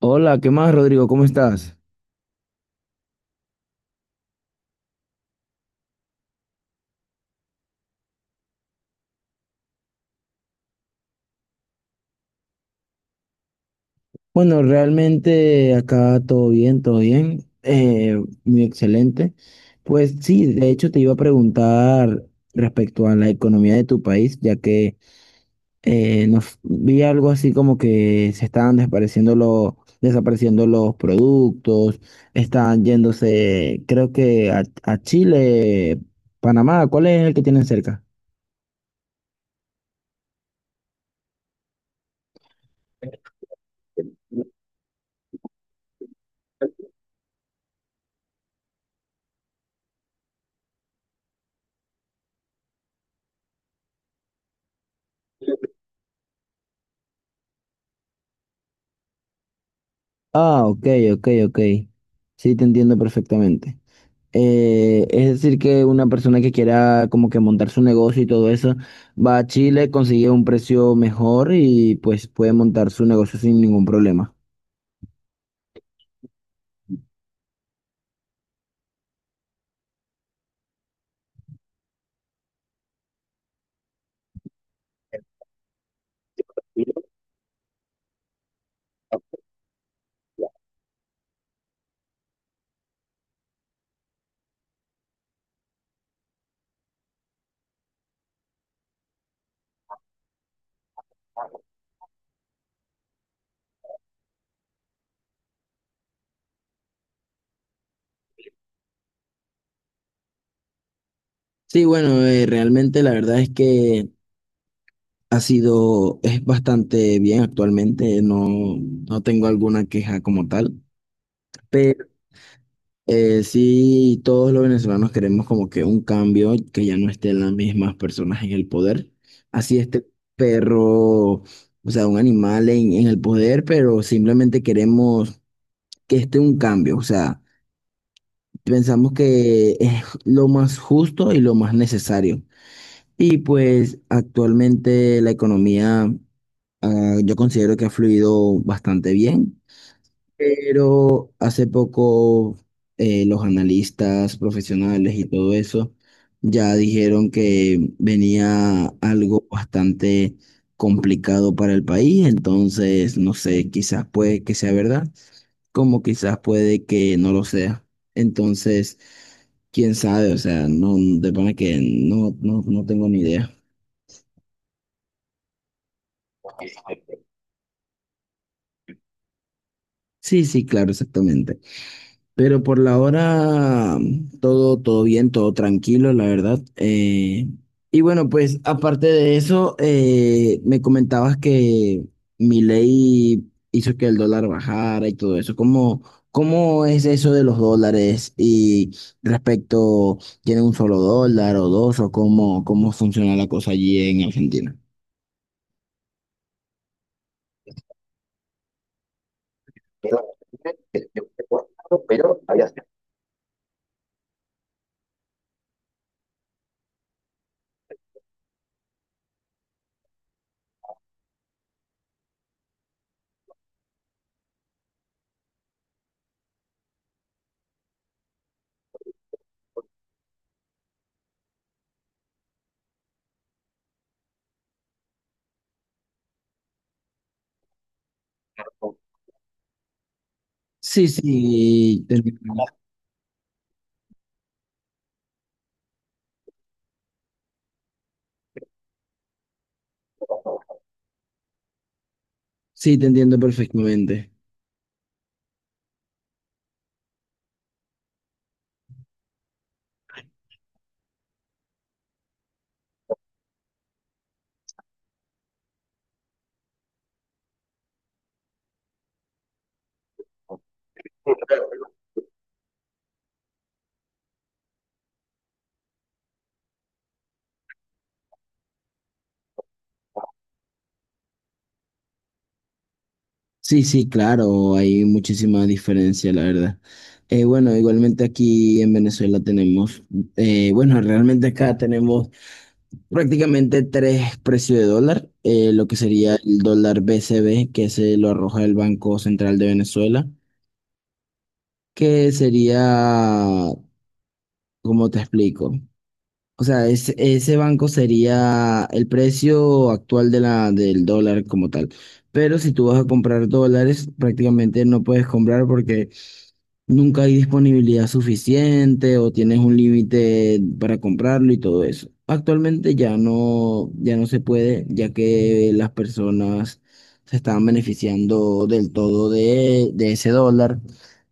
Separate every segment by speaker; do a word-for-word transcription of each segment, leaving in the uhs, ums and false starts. Speaker 1: Hola, ¿qué más, Rodrigo? ¿Cómo estás? Bueno, realmente acá todo bien, todo bien, eh, muy excelente. Pues sí, de hecho te iba a preguntar respecto a la economía de tu país, ya que eh, nos vi algo así como que se estaban desapareciendo los, desapareciendo los productos, estaban yéndose, creo que a, a Chile, Panamá, ¿cuál es el que tienen cerca? Ah, ok, ok, ok. Sí, te entiendo perfectamente. Eh, es decir, que una persona que quiera como que montar su negocio y todo eso, va a Chile, consigue un precio mejor y pues puede montar su negocio sin ningún problema. Sí, bueno, eh, realmente la verdad es que ha sido, es bastante bien actualmente, no, no tengo alguna queja como tal. Eh, sí, todos los venezolanos queremos como que un cambio, que ya no estén las mismas personas en el poder. Así este perro, o sea, un animal en, en el poder, pero simplemente queremos que esté un cambio. O sea, pensamos que es lo más justo y lo más necesario. Y pues actualmente la economía, ah, yo considero que ha fluido bastante bien. Pero hace poco eh, los analistas profesionales y todo eso ya dijeron que venía algo bastante complicado para el país, entonces no sé, quizás puede que sea verdad, como quizás puede que no lo sea. Entonces, quién sabe, o sea, no, de pana que no, no, no tengo ni idea. Sí, sí, claro, exactamente. Pero por la hora todo, todo bien, todo tranquilo, la verdad. Eh, y bueno, pues aparte de eso, eh, me comentabas que mi ley hizo que el dólar bajara y todo eso. ¿Cómo, cómo es eso de los dólares? Y respecto, ¿tiene un solo dólar o dos? ¿O cómo, cómo funciona la cosa allí en Argentina? Pero, yo te puedo hablar, pero. Sí, sí, te entiendo. Sí, te entiendo perfectamente. Sí, sí, claro, hay muchísima diferencia, la verdad. Eh, bueno, igualmente aquí en Venezuela tenemos, eh, bueno, realmente acá tenemos prácticamente tres precios de dólar, eh, lo que sería el dólar B C B, que se lo arroja el Banco Central de Venezuela, que sería, ¿cómo te explico? O sea, es- ese banco sería el precio actual de la, del dólar como tal. Pero si tú vas a comprar dólares, prácticamente no puedes comprar porque nunca hay disponibilidad suficiente o tienes un límite para comprarlo y todo eso. Actualmente ya no, ya no se puede, ya que las personas se estaban beneficiando del todo de, de ese dólar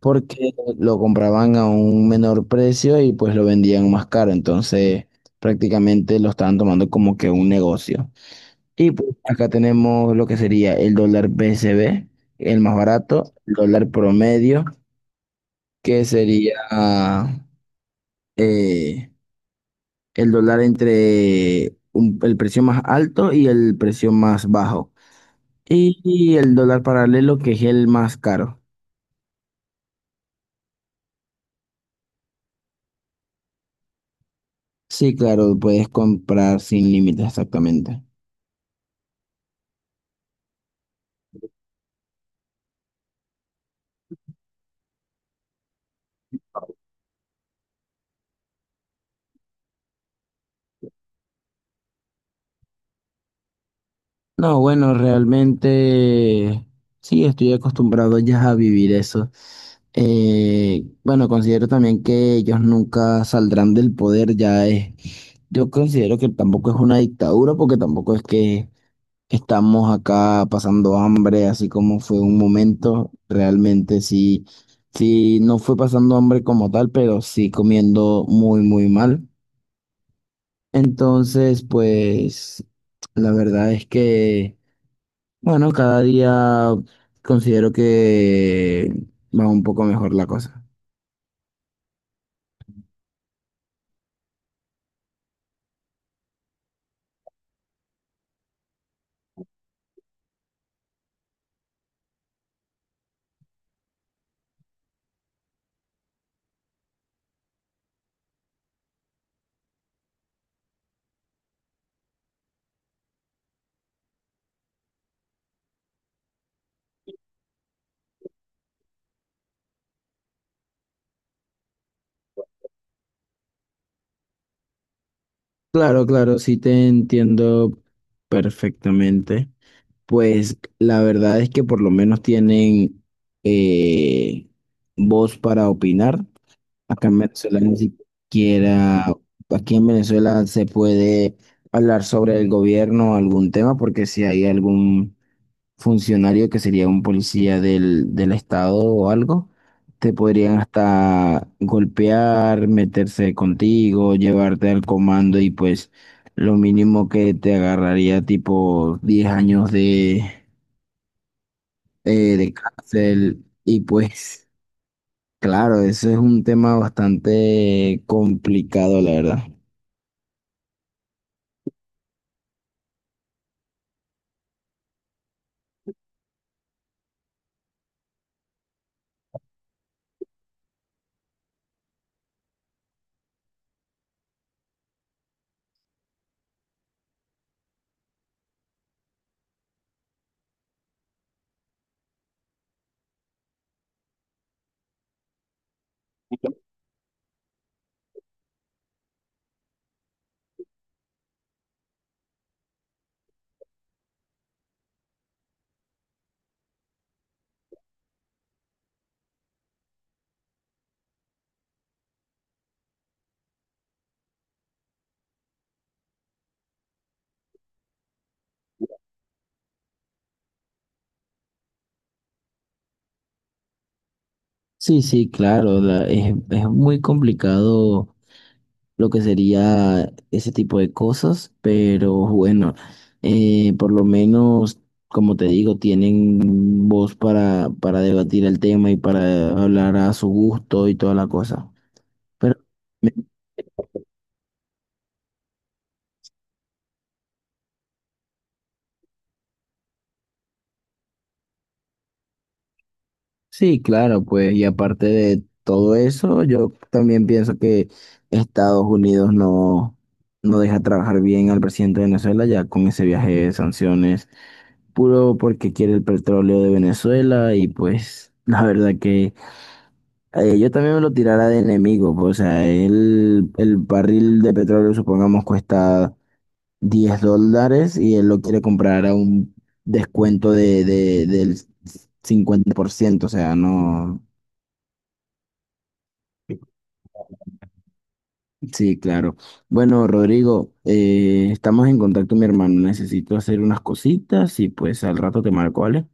Speaker 1: porque lo compraban a un menor precio y pues lo vendían más caro. Entonces prácticamente lo estaban tomando como que un negocio. Y pues acá tenemos lo que sería el dólar B C B, el más barato, el dólar promedio que sería eh, el dólar entre un- el precio más alto y el precio más bajo. Y, y el dólar paralelo, que es el más caro. Sí, claro, puedes comprar sin límites, exactamente. No, bueno, realmente sí, estoy acostumbrado ya a vivir eso. Eh, bueno, considero también que ellos nunca saldrán del poder, ya es. Yo considero que tampoco es una dictadura, porque tampoco es que Estamos acá pasando hambre, así como fue un momento, realmente sí, sí, no fue pasando hambre como tal, pero sí comiendo muy, muy mal. Entonces, pues, la verdad es que, bueno, cada día considero que va un poco mejor la cosa. Claro, claro, sí te entiendo perfectamente. Pues la verdad es que por lo menos tienen eh, voz para opinar. Acá en Venezuela ni siquiera, aquí en Venezuela se puede hablar sobre el gobierno o algún tema, porque si hay algún funcionario que sería un policía del, del estado o algo, te podrían hasta golpear, meterse contigo, llevarte al comando y pues lo mínimo que te agarraría tipo diez años de eh, de cárcel. Y pues, claro, eso es un tema bastante complicado, la verdad. Sí, sí, claro, la- es, es, muy complicado lo que sería ese tipo de cosas, pero bueno, eh, por lo menos, como te digo, tienen voz para, para debatir el tema y para hablar a su gusto y toda la cosa. Pero Sí, claro, pues, y aparte de todo eso, yo también pienso que Estados Unidos no, no deja trabajar bien al presidente de Venezuela ya con ese viaje de sanciones, puro porque quiere el petróleo de Venezuela y pues la verdad que eh, yo también me lo tirara de enemigo, pues, o sea, el, el barril de petróleo supongamos cuesta diez dólares y él lo quiere comprar a un descuento de, de, del cincuenta por ciento, o sea, no. Sí, claro. Bueno, Rodrigo, eh, estamos en contacto, mi hermano. Necesito hacer unas cositas y pues al rato te marco, ¿vale?